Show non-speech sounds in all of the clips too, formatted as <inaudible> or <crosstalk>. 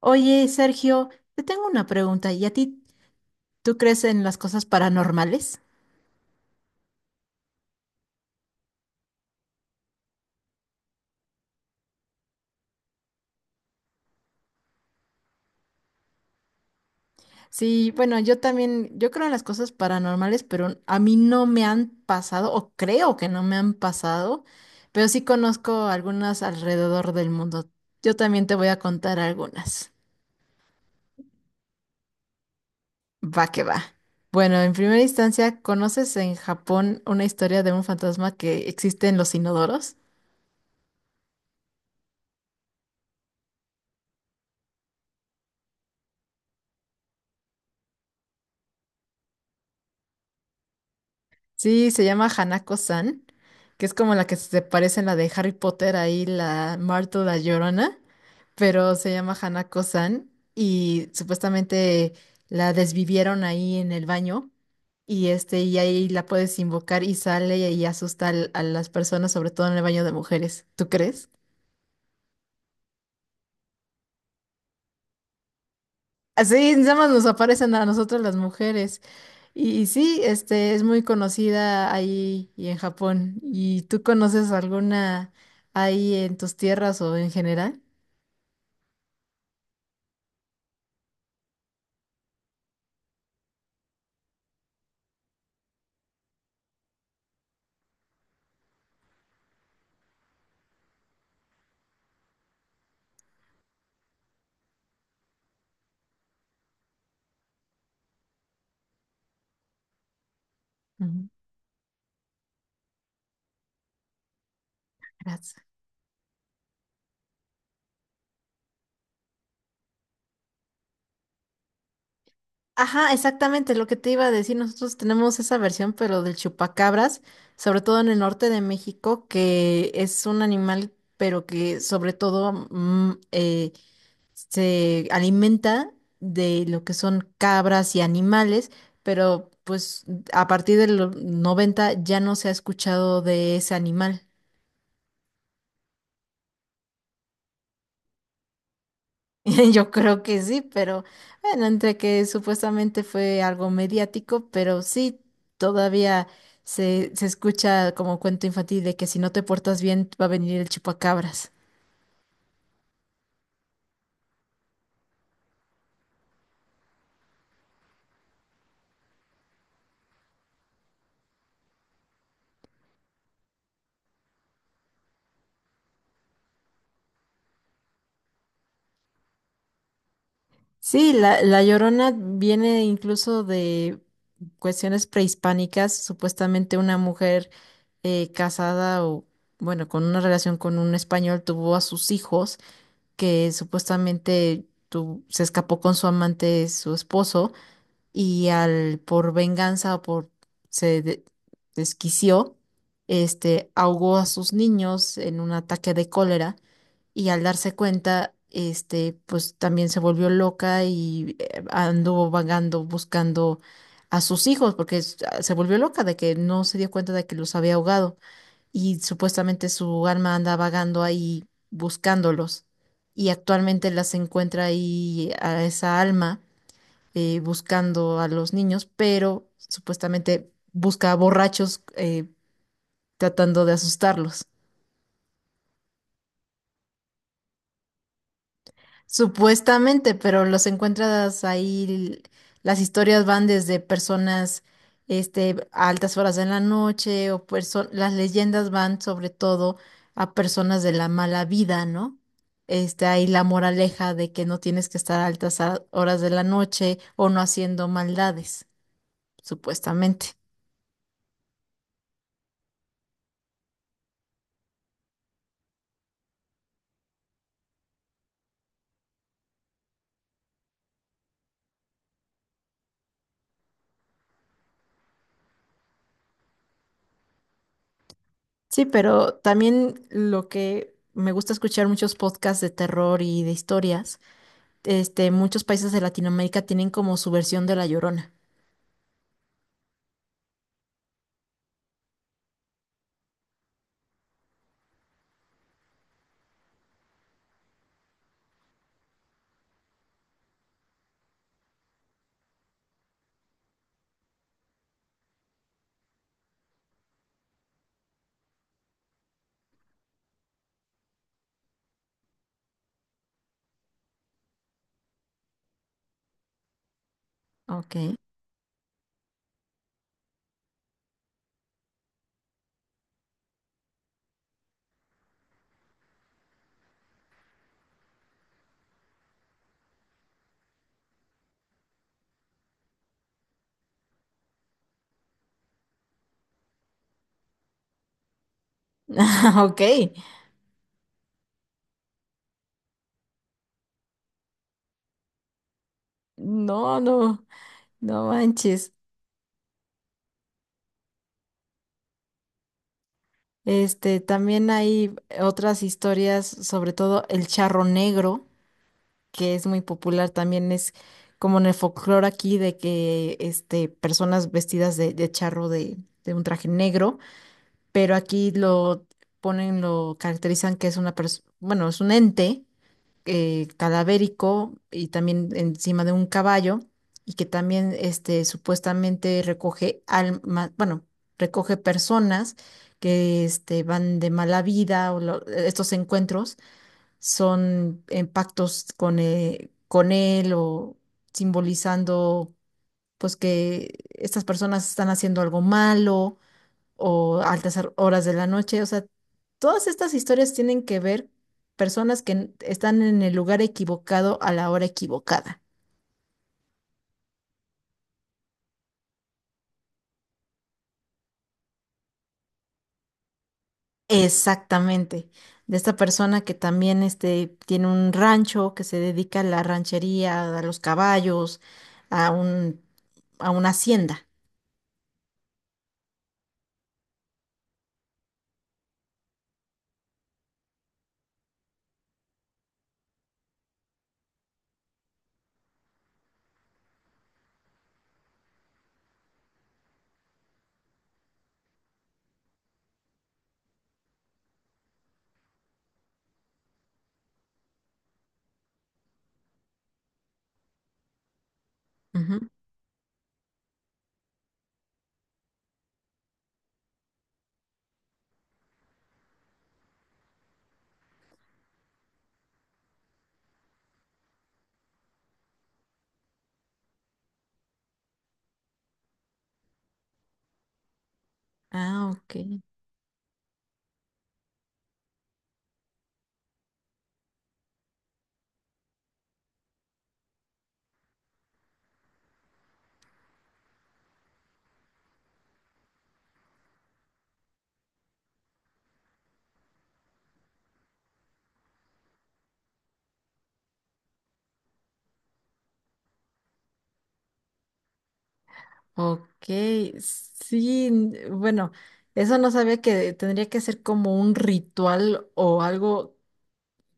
Oye, Sergio, te tengo una pregunta. ¿Y a ti, tú crees en las cosas paranormales? Sí, bueno, yo también, yo creo en las cosas paranormales, pero a mí no me han pasado, o creo que no me han pasado, pero sí conozco algunas alrededor del mundo. Yo también te voy a contar algunas. Va que va. Bueno, en primera instancia, ¿conoces en Japón una historia de un fantasma que existe en los inodoros? Sí, se llama Hanako-san, que es como la que se parece en la de Harry Potter, ahí la Marta la Llorona, pero se llama Hanako-san y supuestamente la desvivieron ahí en el baño y ahí la puedes invocar y sale y asusta a las personas, sobre todo en el baño de mujeres. ¿Tú crees? Así nada más nos aparecen a nosotras las mujeres. Y sí, este es muy conocida ahí y en Japón. ¿Y tú conoces alguna ahí en tus tierras o en general? Ujú, gracias. Ajá, exactamente lo que te iba a decir. Nosotros tenemos esa versión, pero del chupacabras, sobre todo en el norte de México, que es un animal, pero que sobre todo se alimenta de lo que son cabras y animales, pero pues a partir de los 90 ya no se ha escuchado de ese animal. <laughs> Yo creo que sí, pero bueno, entre que supuestamente fue algo mediático, pero sí, todavía se escucha como cuento infantil de que si no te portas bien va a venir el chupacabras. Sí, la Llorona viene incluso de cuestiones prehispánicas, supuestamente una mujer casada o, bueno, con una relación con un español tuvo a sus hijos, que supuestamente se escapó con su amante, su esposo, y al, por venganza o por, se de- desquició, este, ahogó a sus niños en un ataque de cólera y al darse cuenta, este, pues también se volvió loca y anduvo vagando buscando a sus hijos porque se volvió loca de que no se dio cuenta de que los había ahogado y supuestamente su alma anda vagando ahí buscándolos y actualmente las encuentra ahí a esa alma buscando a los niños, pero supuestamente busca a borrachos tratando de asustarlos. Supuestamente, pero los encuentras ahí, las historias van desde personas, este, a altas horas de la noche, las leyendas van sobre todo a personas de la mala vida, ¿no? Este, ahí la moraleja de que no tienes que estar a horas de la noche o no haciendo maldades, supuestamente. Sí, pero también lo que me gusta escuchar muchos podcasts de terror y de historias este, muchos países de Latinoamérica tienen como su versión de La Llorona. Ok. <laughs> Ok. No, no, no manches. Este, también hay otras historias, sobre todo el charro negro, que es muy popular, también es como en el folclore aquí de que este, personas vestidas de charro de un traje negro, pero aquí lo ponen, lo caracterizan que es una persona, bueno, es un ente cadavérico y también encima de un caballo y que también este, supuestamente recoge almas, bueno, recoge personas que este, van de mala vida o estos encuentros son en pactos con él o simbolizando pues que estas personas están haciendo algo malo o horas de la noche. O sea, todas estas historias tienen que ver personas que están en el lugar equivocado a la hora equivocada. Exactamente. De esta persona que también este, tiene un rancho, que se dedica a la ranchería, a los caballos, a un, a una hacienda. Ujú. Ah, ok. Ok. Sí, bueno, eso no sabía que tendría que ser como un ritual o algo,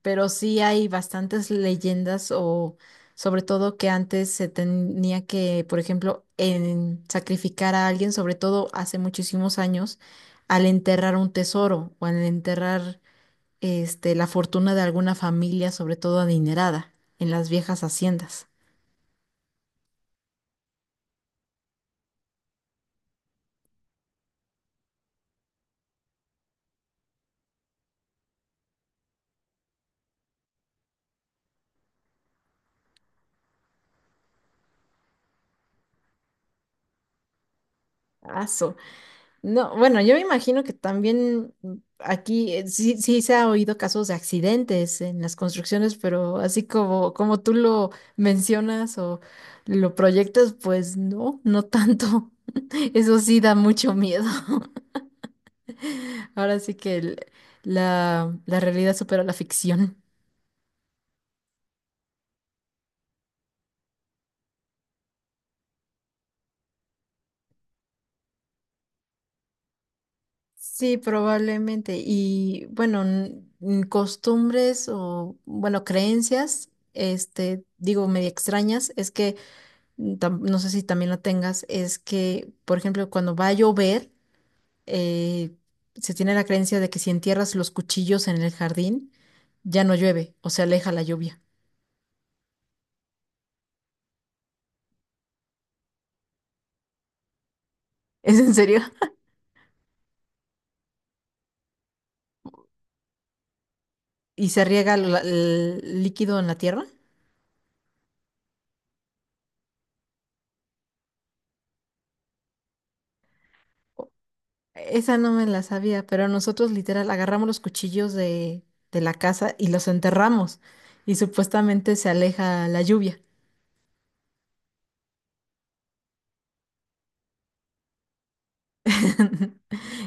pero sí hay bastantes leyendas o sobre todo que antes se tenía que, por ejemplo, en sacrificar a alguien, sobre todo hace muchísimos años, al enterrar un tesoro o al enterrar este la fortuna de alguna familia, sobre todo adinerada, en las viejas haciendas. Ah, no, bueno, yo me imagino que también aquí sí, sí se ha oído casos de accidentes en las construcciones, pero así como, como tú lo mencionas o lo proyectas, pues no, no tanto. <laughs> Eso sí da mucho miedo. <laughs> Ahora sí que la, la realidad supera la ficción. Sí, probablemente. Y bueno, costumbres o, bueno, creencias, este, digo, medio extrañas, es que no sé si también lo tengas, es que, por ejemplo, cuando va a llover, eh, se tiene la creencia de que si entierras los cuchillos en el jardín, ya no llueve o se aleja la lluvia. <laughs> ¿Es en serio? ¿Y se riega el líquido en la tierra? Esa no me la sabía, pero nosotros literal agarramos los cuchillos de la casa y los enterramos y supuestamente se aleja la lluvia. <laughs>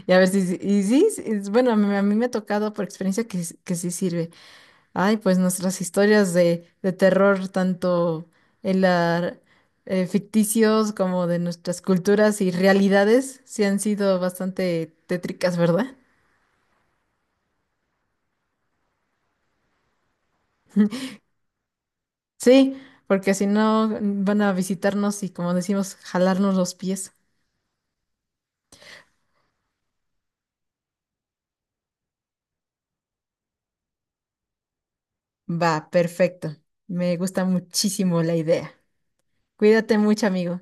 Y a ver y sí, sí, bueno, a mí me ha tocado por experiencia que, que sí sirve. Ay, pues nuestras historias de terror, tanto en la, ficticios como de nuestras culturas y realidades, sí han sido bastante tétricas, ¿verdad? Sí, porque si no van a visitarnos y, como decimos, jalarnos los pies. Va, perfecto. Me gusta muchísimo la idea. Cuídate mucho, amigo.